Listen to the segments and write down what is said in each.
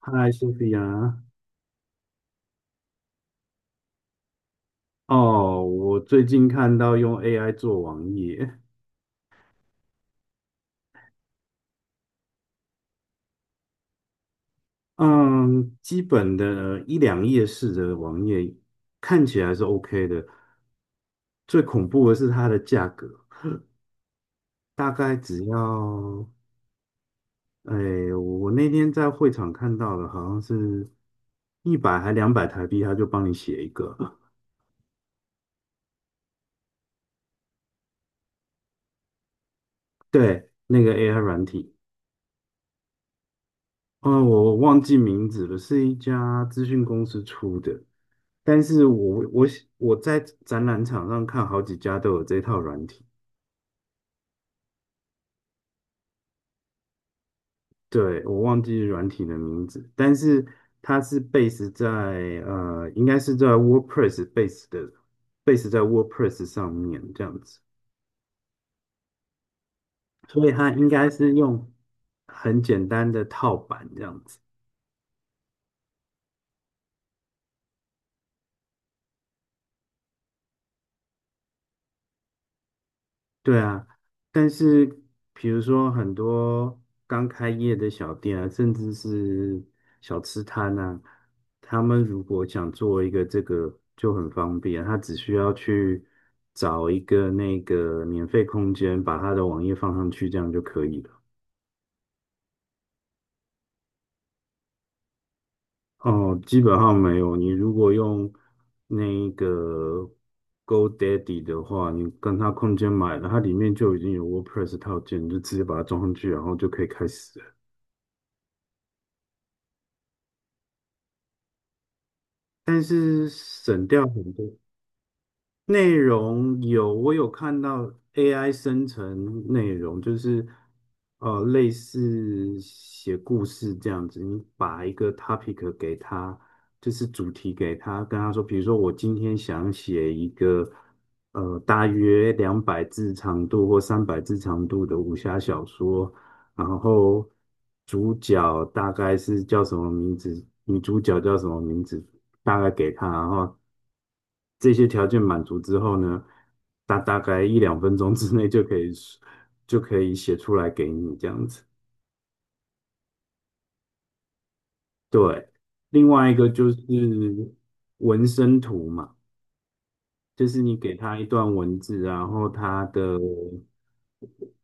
嗨，苏菲亚。哦，我最近看到用 AI 做网页，嗯，基本的一两页式的网页看起来是 OK 的。最恐怖的是它的价格，大概只要，哎，我那天在会场看到的，好像是一百还两百台币，他就帮你写一个。对，那个 AI 软体，哦，我忘记名字了，是一家资讯公司出的。但是我我在展览场上看好几家都有这套软体。对，我忘记软体的名字，但是它是 base 在应该是在 WordPress base 在 WordPress 上面这样子，所以它应该是用很简单的套版这样子。对啊，但是比如说很多刚开业的小店啊，甚至是小吃摊啊，他们如果想做一个这个就很方便，他只需要去找一个那个免费空间，把他的网页放上去，这样就可以了。哦，基本上没有。你如果用那个 GoDaddy 的话，你跟他空间买了，它里面就已经有 WordPress 套件，你就直接把它装上去，然后就可以开始了。但是省掉很多。内容有，我有看到 AI 生成内容，就是类似写故事这样子，你把一个 topic 给他，就是主题给他，跟他说，比如说我今天想写一个大约两百字长度或三百字长度的武侠小说，然后主角大概是叫什么名字，女主角叫什么名字，大概给他，然后这些条件满足之后呢，大概一两分钟之内就可以写出来给你这样子。对，另外一个就是纹身图嘛，就是你给他一段文字，然后他的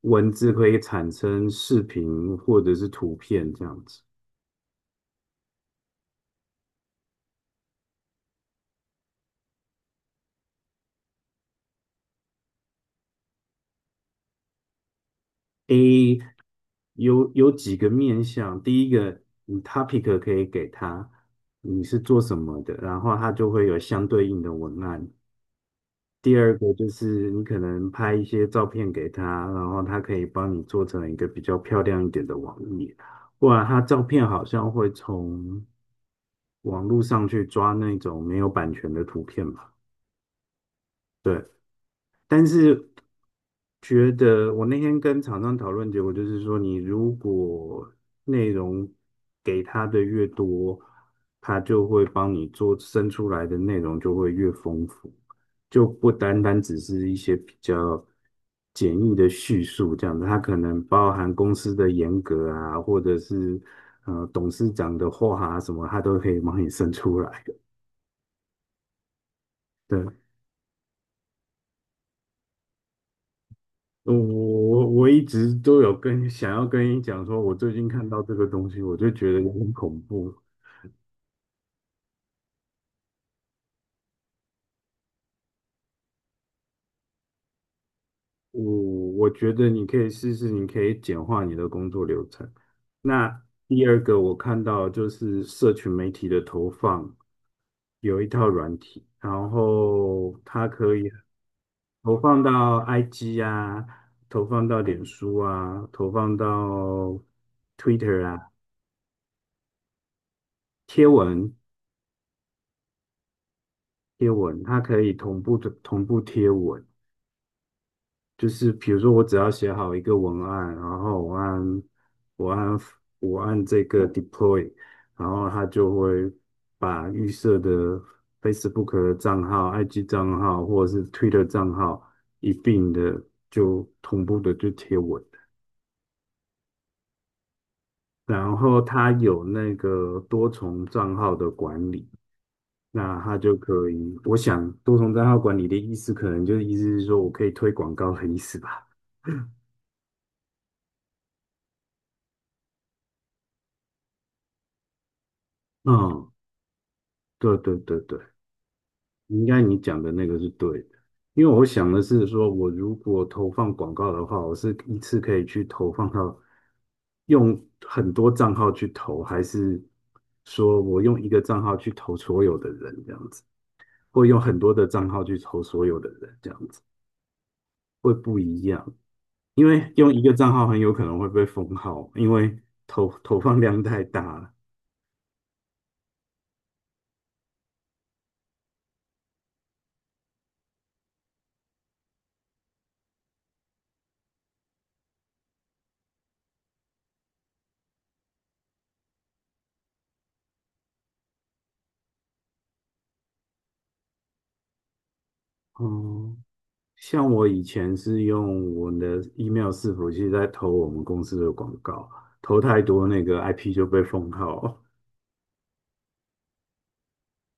文字可以产生视频或者是图片这样子。A 有几个面向，第一个你 topic 可以给他，你是做什么的，然后他就会有相对应的文案。第二个就是你可能拍一些照片给他，然后他可以帮你做成一个比较漂亮一点的网页，不然他照片好像会从网络上去抓那种没有版权的图片吧？对，但是觉得我那天跟厂商讨论，结果就是说，你如果内容给他的越多，他就会帮你做生出来的内容就会越丰富，就不单单只是一些比较简易的叙述这样子，他可能包含公司的严格啊，或者是董事长的话啊什么，他都可以帮你生出来的。对。我一直都有想要跟你讲说，我最近看到这个东西，我就觉得有点恐怖。我我觉得你可以试试，你可以简化你的工作流程。那第二个我看到就是社群媒体的投放，有一套软体，然后它可以投放到 IG 啊，投放到脸书啊，投放到 Twitter 啊，贴文。贴文，它可以同步贴文。就是比如说，我只要写好一个文案，然后我按我按这个 deploy，然后它就会把预设的 Facebook 的账号、IG 账号或者是 Twitter 账号一并的就同步的就贴文，然后它有那个多重账号的管理。那它就可以，我想多重账号管理的意思，可能就是意思是说我可以推广告的意思吧。嗯，对对对对。应该你讲的那个是对的，因为我想的是说，我如果投放广告的话，我是一次可以去投放到用很多账号去投，还是说我用一个账号去投所有的人这样子，或用很多的账号去投所有的人这样子，会不一样。因为用一个账号很有可能会被封号，因为投放量太大了。哦，像我以前是用我的 email 伺服器在投我们公司的广告，投太多那个 IP 就被封号。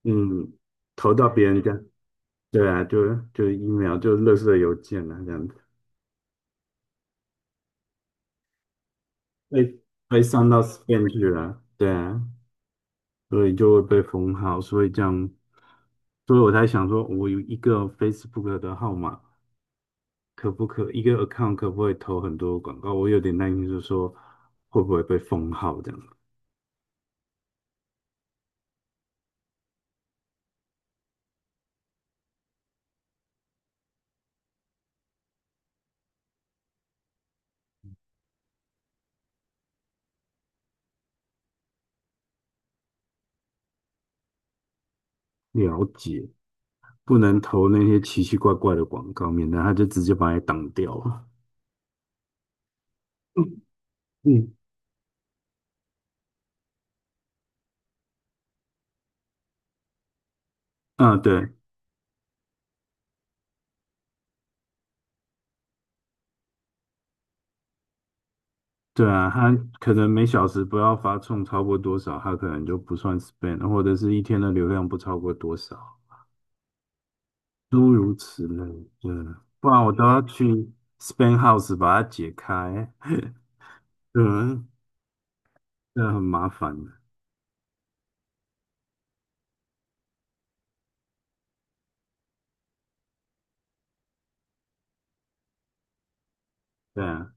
嗯，投到别人家，对啊，就 email 就垃圾邮件啊，这样子被被上到 spam 去了，对啊，所以就会被封号，所以这样，所以我才想说，我有一个 Facebook 的号码，可不可一个 account 可不可以投很多广告？我有点担心，就是说会不会被封号这样。了解，不能投那些奇奇怪怪的广告，免得他就直接把你挡掉了。嗯，嗯，啊，对对啊，他可能每小时不要发送超过多少，他可能就不算 s p e n d， 或者是一天的流量不超过多少，诸如此类的，不然我都要去 s p e n d house 把它解开。嗯，这很麻烦的。对啊，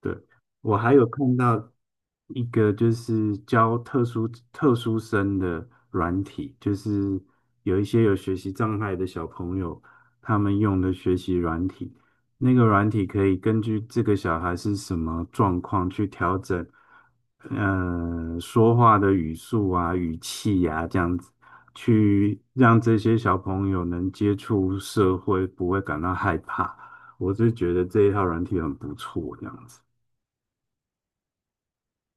对，我还有看到一个就是教特殊生的软体，就是有一些有学习障碍的小朋友，他们用的学习软体，那个软体可以根据这个小孩是什么状况去调整，说话的语速啊、语气啊，这样子，去让这些小朋友能接触社会，不会感到害怕。我是觉得这一套软体很不错，这样子。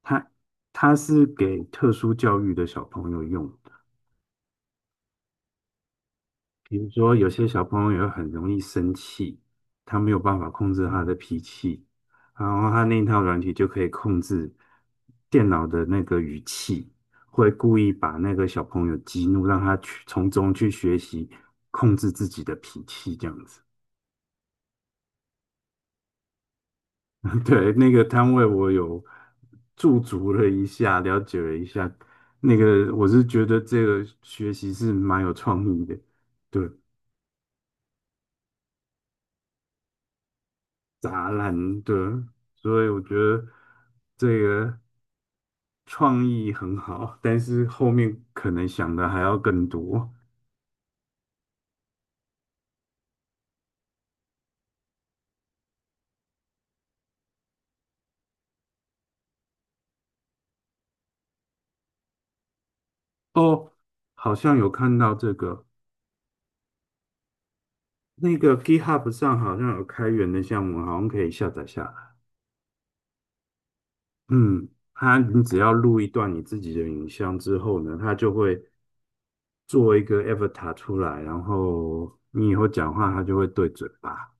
它它是给特殊教育的小朋友用的，比如说有些小朋友很容易生气，他没有办法控制他的脾气，然后他那一套软体就可以控制电脑的那个语气，会故意把那个小朋友激怒，让他去从中去学习控制自己的脾气，这样子。对，那个摊位我有驻足了一下，了解了一下。那个我是觉得这个学习是蛮有创意的，对，杂烂，的，所以我觉得这个创意很好，但是后面可能想的还要更多。哦，好像有看到这个，那个 GitHub 上好像有开源的项目，好像可以下载下来。嗯，它你只要录一段你自己的影像之后呢，它就会做一个 avatar 出来，然后你以后讲话，它就会对嘴巴。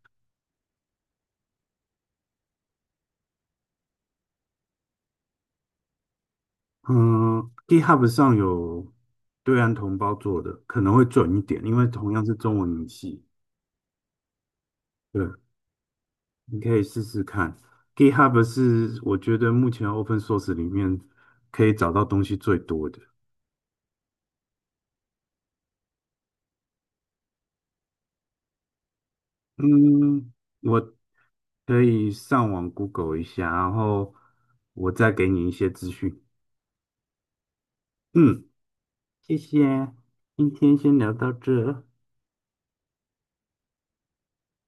嗯，GitHub 上有对岸同胞做的，可能会准一点，因为同样是中文语系。对，你可以试试看。GitHub 是我觉得目前 open source 里面可以找到东西最多的。嗯，我可以上网 Google 一下，然后我再给你一些资讯。嗯，谢谢，今天先聊到这，